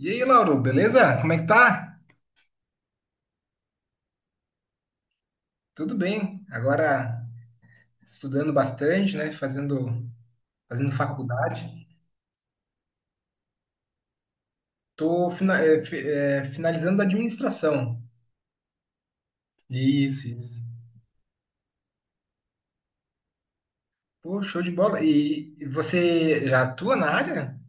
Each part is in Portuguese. E aí, Lauro, beleza? Como é que tá? Tudo bem. Agora estudando bastante, né? Fazendo faculdade. Tô finalizando a administração. Isso, isso. Pô, show de bola. E você já atua na área?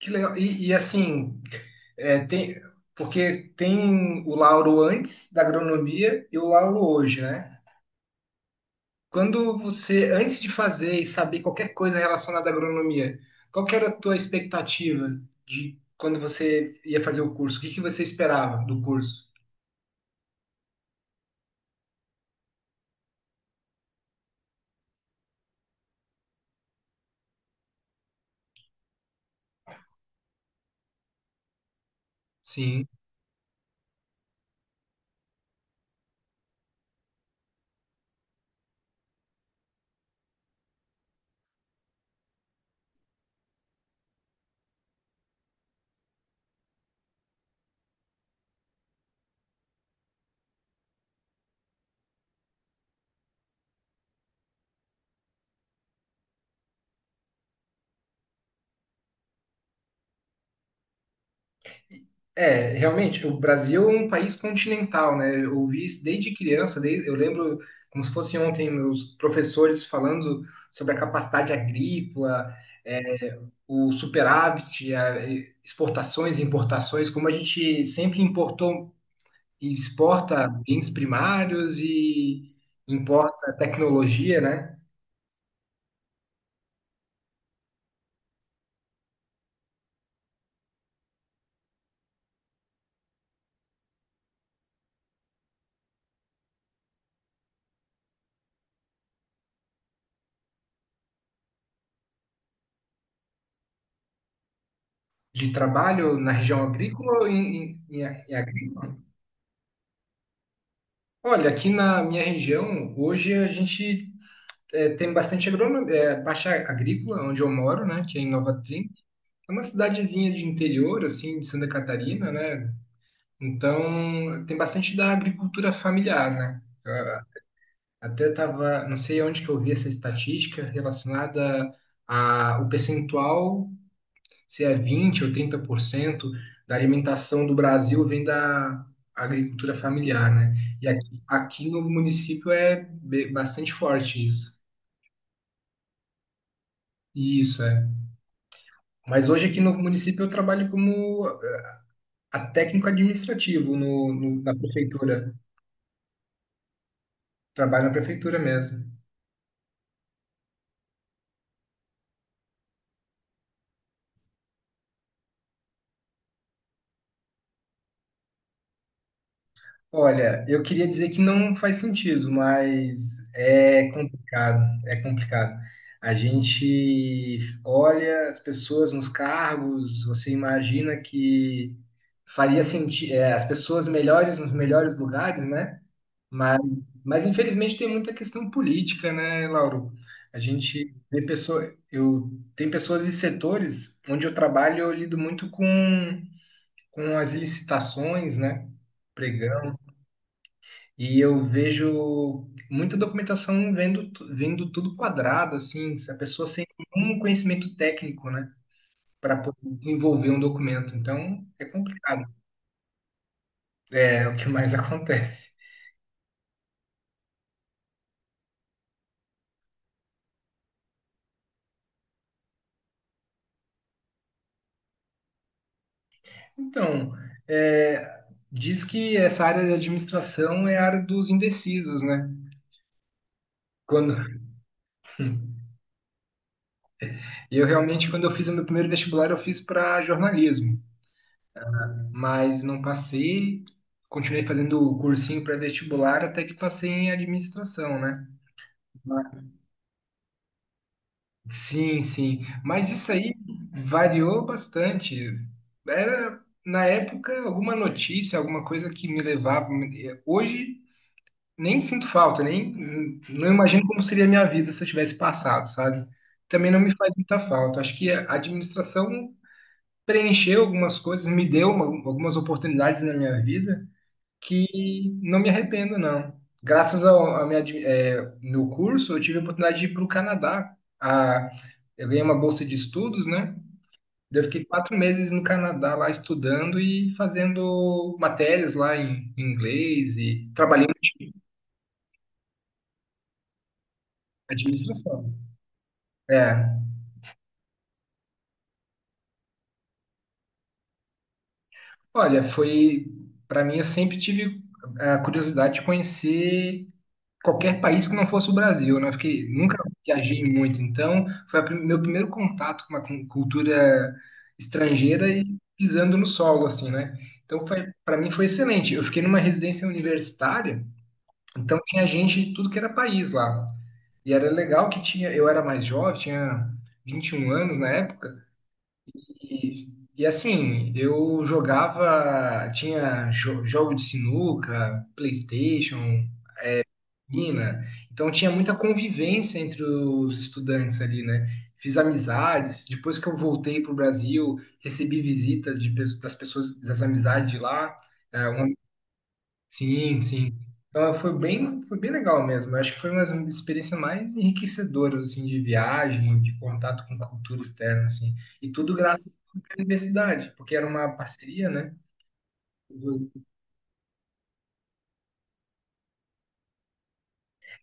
Que legal. E, assim, eh, tem, porque tem o Lauro antes da agronomia e o Lauro hoje, né? Quando você, antes de fazer e saber qualquer coisa relacionada à agronomia, qual que era a tua expectativa de quando você ia fazer o curso? O que que você esperava do curso? Sim. É, realmente, o Brasil é um país continental, né? Eu ouvi isso desde criança, eu lembro como se fosse ontem meus professores falando sobre a capacidade agrícola, é, o superávit, exportações e importações, como a gente sempre importou e exporta bens primários e importa tecnologia, né? De trabalho na região agrícola ou em agrícola? Olha, aqui na minha região, hoje a gente tem bastante agronomia, baixa agrícola, onde eu moro, né? Que é em Nova Trim. É uma cidadezinha de interior, assim, de Santa Catarina, né? Então, tem bastante da agricultura familiar, né? Até tava, não sei onde que eu vi essa estatística relacionada a o percentual, se é 20 ou 30% da alimentação do Brasil vem da agricultura familiar, né? E aqui, no município é bastante forte isso. Isso é. Mas hoje aqui no município eu trabalho como a técnico administrativo na prefeitura. Trabalho na prefeitura mesmo. Olha, eu queria dizer que não faz sentido, mas é complicado, é complicado. A gente olha as pessoas nos cargos, você imagina que faria sentido, as pessoas melhores nos melhores lugares, né? Mas, mas infelizmente tem muita questão política, né, Lauro? A gente vê pessoa, eu tem pessoas e setores onde eu trabalho, eu lido muito com as licitações, né? Pregão e eu vejo muita documentação vendo tudo quadrado, assim, se a pessoa sem nenhum conhecimento técnico, né, para poder desenvolver um documento. Então, é complicado. É o que mais acontece. Então, é, diz que essa área de administração é a área dos indecisos, né? Quando, eu realmente, quando eu fiz o meu primeiro vestibular, eu fiz para jornalismo, mas não passei. Continuei fazendo o cursinho pré-vestibular até que passei em administração, né? Sim, sim. Mas isso aí variou bastante. Era, na época, alguma notícia, alguma coisa que me levava. Hoje, nem sinto falta, nem não imagino como seria a minha vida se eu tivesse passado, sabe? Também não me faz muita falta. Acho que a administração preencheu algumas coisas, me deu algumas oportunidades na minha vida que não me arrependo, não. Graças ao a minha, admi- é, meu curso, eu tive a oportunidade de ir para o Canadá. Eu ganhei uma bolsa de estudos, né? Daí eu fiquei 4 meses no Canadá lá estudando e fazendo matérias lá em inglês e trabalhei na administração. É, Olha, foi para mim eu sempre tive a curiosidade de conhecer qualquer país que não fosse o Brasil, né? Porque nunca viajei muito, então foi meu primeiro contato com uma cultura estrangeira e pisando no solo, assim, né? Então foi para mim foi excelente. Eu fiquei numa residência universitária, então tinha gente de tudo que era país lá. E era legal que tinha, eu era mais jovem, tinha 21 anos na época, e, e assim, eu jogava, tinha jogo de sinuca, PlayStation, Argentina. Então tinha muita convivência entre os estudantes ali, né? Fiz amizades. Depois que eu voltei para o Brasil, recebi visitas das pessoas, das amizades de lá. É, uma- Sim, sim. Então, foi bem legal mesmo. Eu acho que foi uma das experiências mais enriquecedoras assim de viagem, de contato com cultura externa, assim. E tudo graças à universidade, porque era uma parceria, né?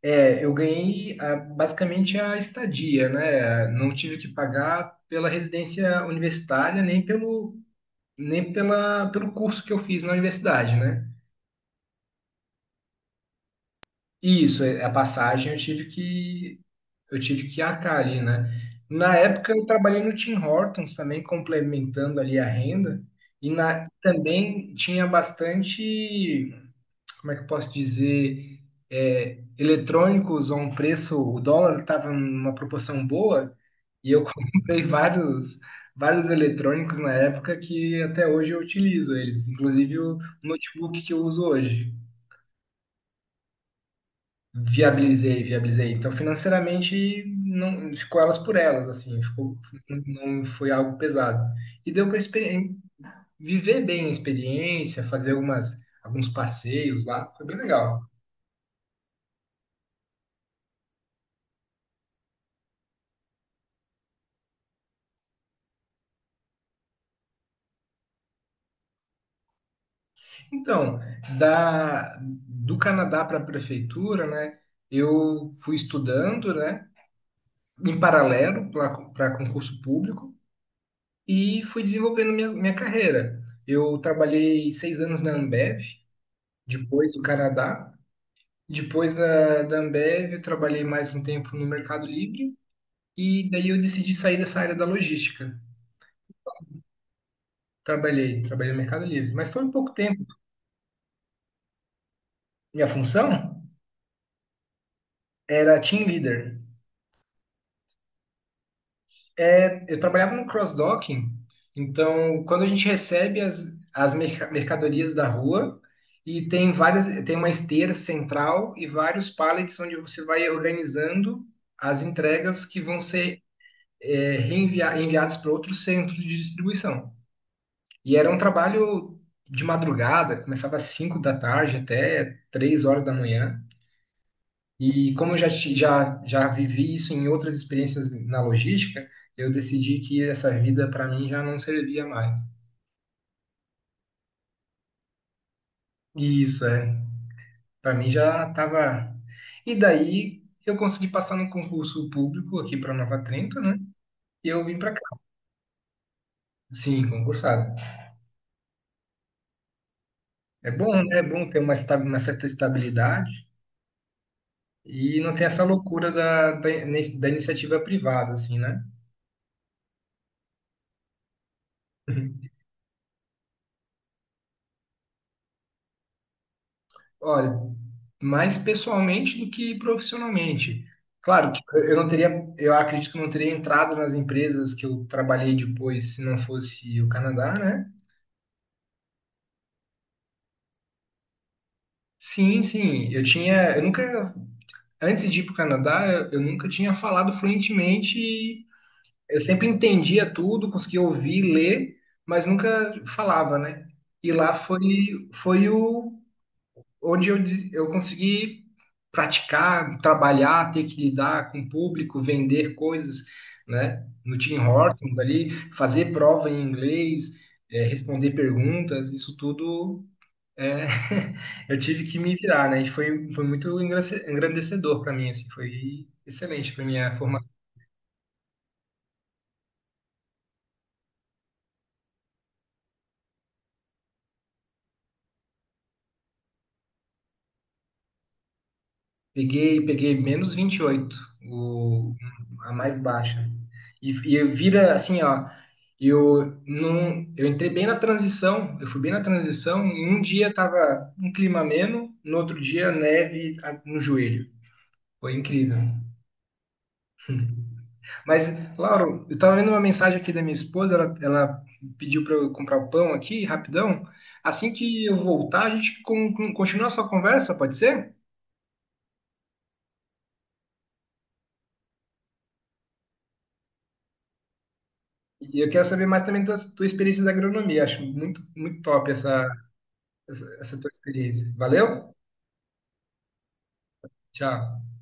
É, eu ganhei basicamente a estadia, né? Não tive que pagar pela residência universitária, nem pelo, nem pela, pelo curso que eu fiz na universidade, né? E isso, a passagem eu tive que arcar ali, né? Na época eu trabalhei no Tim Hortons também, complementando ali a renda, e também tinha bastante. Como é que eu posso dizer, eletrônicos a um preço, o dólar estava numa proporção boa, e eu comprei vários eletrônicos na época que até hoje eu utilizo eles, inclusive o notebook que eu uso hoje. Viabilizei, viabilizei. Então, financeiramente, não ficou elas por elas, assim, ficou, não foi algo pesado. E deu para viver bem a experiência, fazer alguns passeios lá, foi bem legal. Então, do Canadá para a prefeitura, né? Eu fui estudando, né? Em paralelo para concurso público e fui desenvolvendo minha carreira. Eu trabalhei 6 anos na Ambev, depois do Canadá. Depois da Ambev, eu trabalhei mais um tempo no Mercado Livre e daí eu decidi sair dessa área da logística. Trabalhei, trabalhei no Mercado Livre, mas foi um pouco tempo. Minha função era team leader. Eu trabalhava no cross-docking, então quando a gente recebe as mercadorias da rua e tem uma esteira central e vários pallets onde você vai organizando as entregas que vão ser enviadas para outros centros de distribuição. E era um trabalho de madrugada, começava às 5 da tarde até 3 horas da manhã. E como eu já vivi isso em outras experiências na logística, eu decidi que essa vida para mim já não servia mais. E isso, é. Para mim já estava. E daí eu consegui passar no concurso público aqui para Nova Trento, né? E eu vim para cá. Sim, concursado. É bom, né? É bom ter uma certa estabilidade e não ter essa loucura da iniciativa privada, assim, né? Olha, mais pessoalmente do que profissionalmente. Claro que eu não teria, eu acredito que eu não teria entrado nas empresas que eu trabalhei depois se não fosse o Canadá, né? Sim, sim, eu tinha, eu nunca, antes de ir para o Canadá, eu nunca tinha falado fluentemente. Eu sempre entendia tudo, conseguia ouvir, ler, mas nunca falava, né? E lá foi, foi o onde eu consegui praticar, trabalhar, ter que lidar com o público, vender coisas, né? No Tim Hortons ali, fazer prova em inglês, responder perguntas, isso tudo eh, eu tive que me virar, né? E foi muito engrandecedor para mim, assim, foi excelente para minha formação. Peguei -28 o, a mais baixa. E eu vira assim, ó. Eu não, eu entrei bem na transição, eu fui bem na transição. E um dia tava um clima ameno, no outro dia neve no joelho. Foi incrível. Mas, Lauro, eu tava vendo uma mensagem aqui da minha esposa, ela pediu para eu comprar o pão aqui, rapidão. Assim que eu voltar, a gente continua a sua conversa, pode ser? E eu quero saber mais também da tua experiência da agronomia. Acho muito, muito top essa, tua experiência. Valeu? Tchau.